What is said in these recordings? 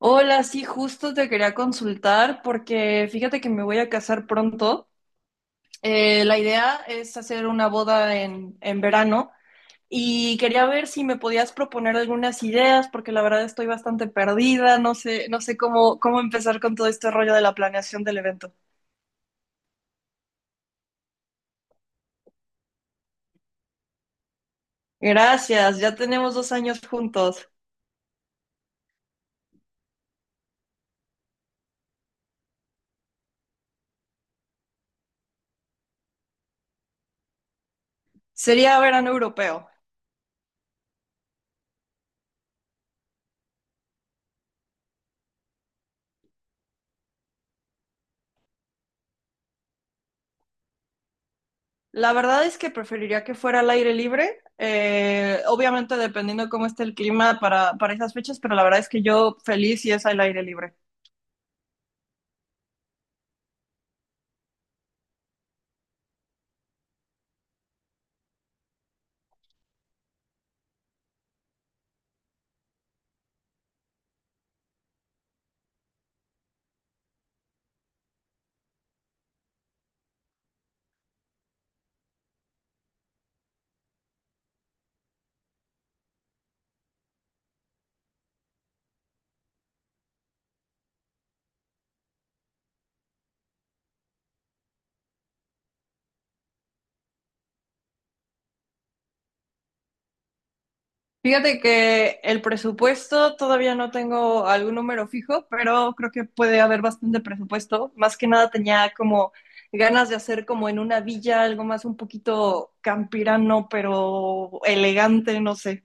Hola, sí, justo te quería consultar porque fíjate que me voy a casar pronto. La idea es hacer una boda en verano y quería ver si me podías proponer algunas ideas porque la verdad estoy bastante perdida, no sé cómo empezar con todo este rollo de la planeación del evento. Gracias, ya tenemos dos años juntos. Sería verano europeo. La verdad es que preferiría que fuera al aire libre, obviamente dependiendo cómo esté el clima para esas fechas, pero la verdad es que yo feliz si es al aire libre. Fíjate que el presupuesto todavía no tengo algún número fijo, pero creo que puede haber bastante presupuesto. Más que nada tenía como ganas de hacer como en una villa algo más un poquito campirano, pero elegante, no sé.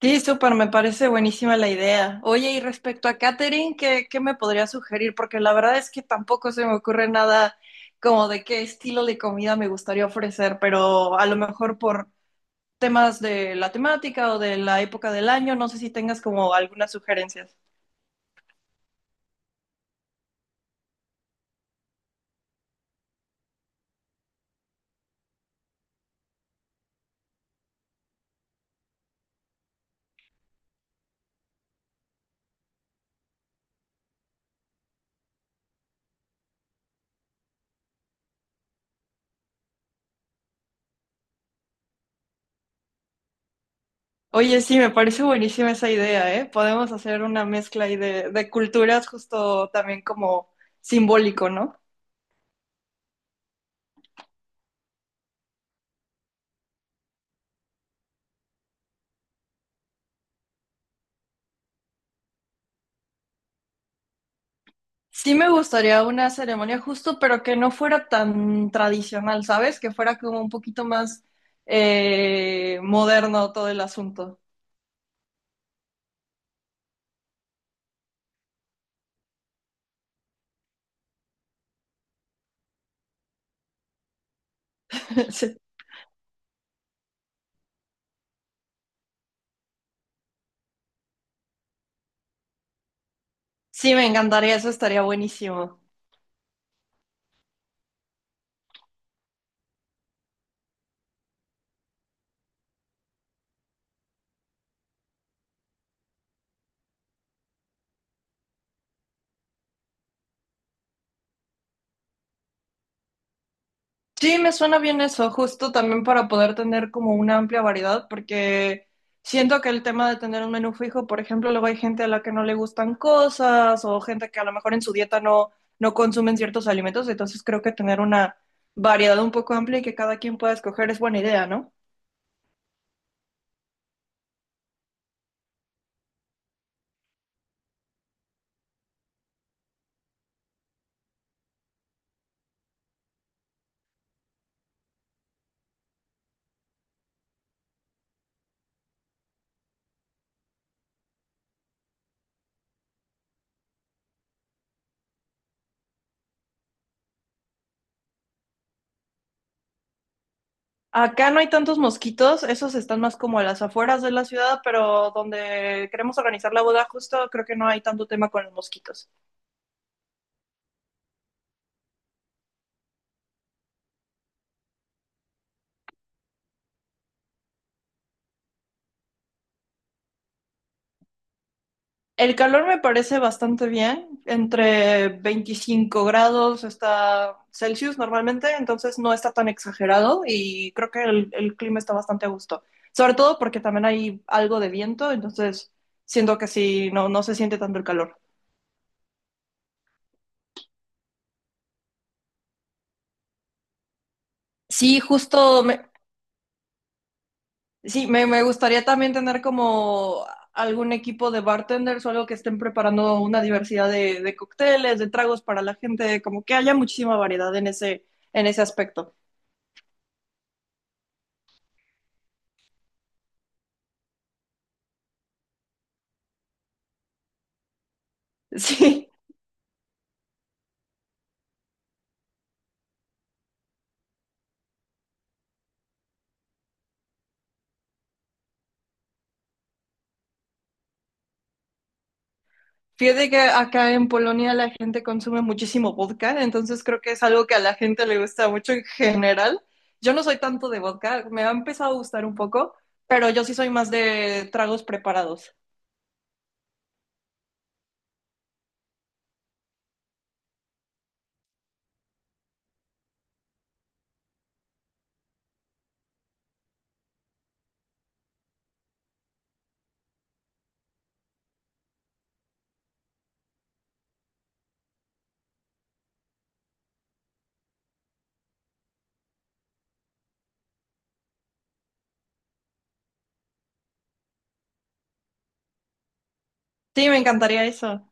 Sí, súper, me parece buenísima la idea. Oye, y respecto a catering, ¿ qué me podría sugerir? Porque la verdad es que tampoco se me ocurre nada como de qué estilo de comida me gustaría ofrecer, pero a lo mejor por temas de la temática o de la época del año, no sé si tengas como algunas sugerencias. Oye, sí, me parece buenísima esa idea, ¿eh? Podemos hacer una mezcla ahí de culturas justo también como simbólico, ¿no? Sí me gustaría una ceremonia justo, pero que no fuera tan tradicional, ¿sabes? Que fuera como un poquito más moderno todo el asunto. Sí. Sí, me encantaría, eso estaría buenísimo. Sí, me suena bien eso, justo también para poder tener como una amplia variedad, porque siento que el tema de tener un menú fijo, por ejemplo, luego hay gente a la que no le gustan cosas o gente que a lo mejor en su dieta no, no consumen ciertos alimentos, entonces creo que tener una variedad un poco amplia y que cada quien pueda escoger es buena idea, ¿no? Acá no hay tantos mosquitos, esos están más como a las afueras de la ciudad, pero donde queremos organizar la boda justo, creo que no hay tanto tema con los mosquitos. El calor me parece bastante bien, entre 25 grados está Celsius normalmente, entonces no está tan exagerado y creo que el clima está bastante a gusto. Sobre todo porque también hay algo de viento, entonces siento que sí, no, no se siente tanto el calor. Sí, justo me, Sí, me gustaría también tener como algún equipo de bartenders o algo que estén preparando una diversidad de cócteles, de tragos para la gente, como que haya muchísima variedad en en ese aspecto. Sí, fíjate que acá en Polonia la gente consume muchísimo vodka, entonces creo que es algo que a la gente le gusta mucho en general. Yo no soy tanto de vodka, me ha empezado a gustar un poco, pero yo sí soy más de tragos preparados. Sí, me encantaría eso.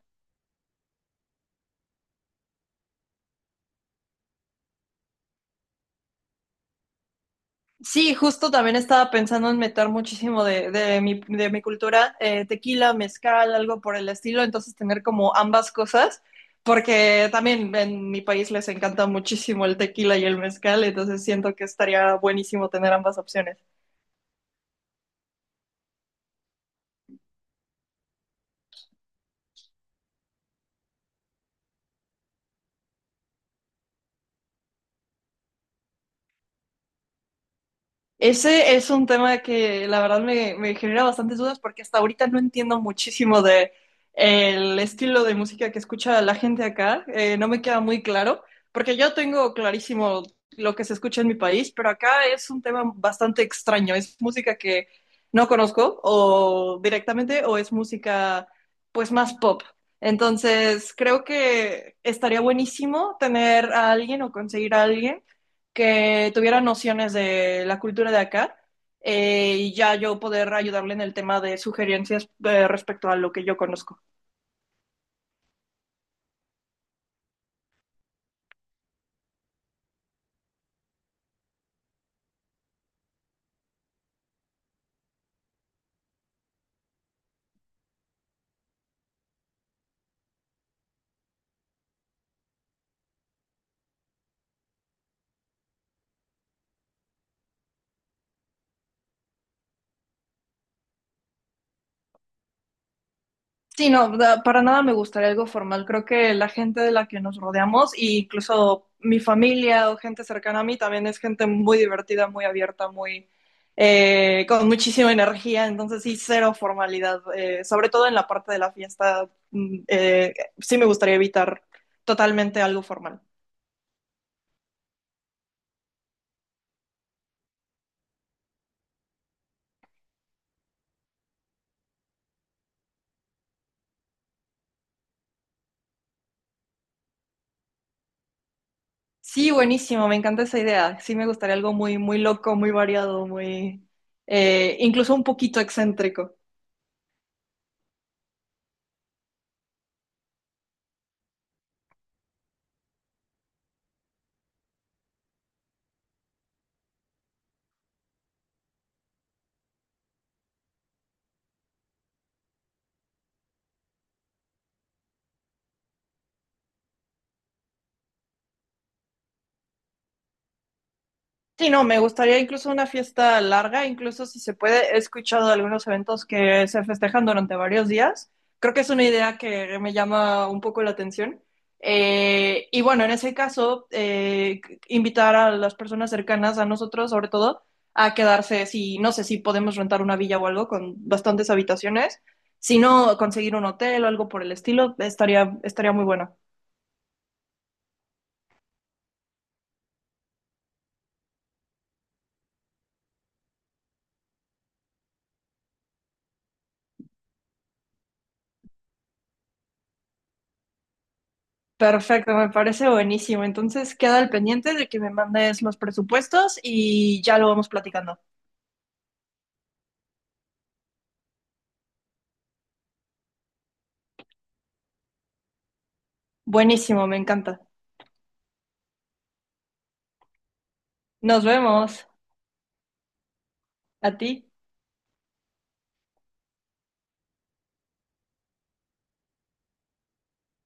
Sí, justo también estaba pensando en meter muchísimo de mi cultura, tequila, mezcal, algo por el estilo, entonces tener como ambas cosas, porque también en mi país les encanta muchísimo el tequila y el mezcal, entonces siento que estaría buenísimo tener ambas opciones. Ese es un tema que la verdad me genera bastantes dudas porque hasta ahorita no entiendo muchísimo de el estilo de música que escucha la gente acá. No me queda muy claro porque yo tengo clarísimo lo que se escucha en mi país, pero acá es un tema bastante extraño. Es música que no conozco o directamente o es música pues más pop. Entonces creo que estaría buenísimo tener a alguien o conseguir a alguien que tuviera nociones de la cultura de acá, y ya yo poder ayudarle en el tema de sugerencias respecto a lo que yo conozco. Sí, no, para nada me gustaría algo formal. Creo que la gente de la que nos rodeamos, e incluso mi familia o gente cercana a mí, también es gente muy divertida, muy abierta, muy con muchísima energía. Entonces sí, cero formalidad, sobre todo en la parte de la fiesta. Sí me gustaría evitar totalmente algo formal. Sí, buenísimo, me encanta esa idea. Sí, me gustaría algo muy, muy loco, muy variado, incluso un poquito excéntrico. Sí, no, me gustaría incluso una fiesta larga, incluso si se puede. He escuchado de algunos eventos que se festejan durante varios días. Creo que es una idea que me llama un poco la atención. Y bueno, en ese caso, invitar a las personas cercanas, a nosotros sobre todo, a quedarse, si no sé si podemos rentar una villa o algo con bastantes habitaciones, si no, conseguir un hotel o algo por el estilo, estaría muy bueno. Perfecto, me parece buenísimo. Entonces queda al pendiente de que me mandes los presupuestos y ya lo vamos platicando. Buenísimo, me encanta. Nos vemos. A ti.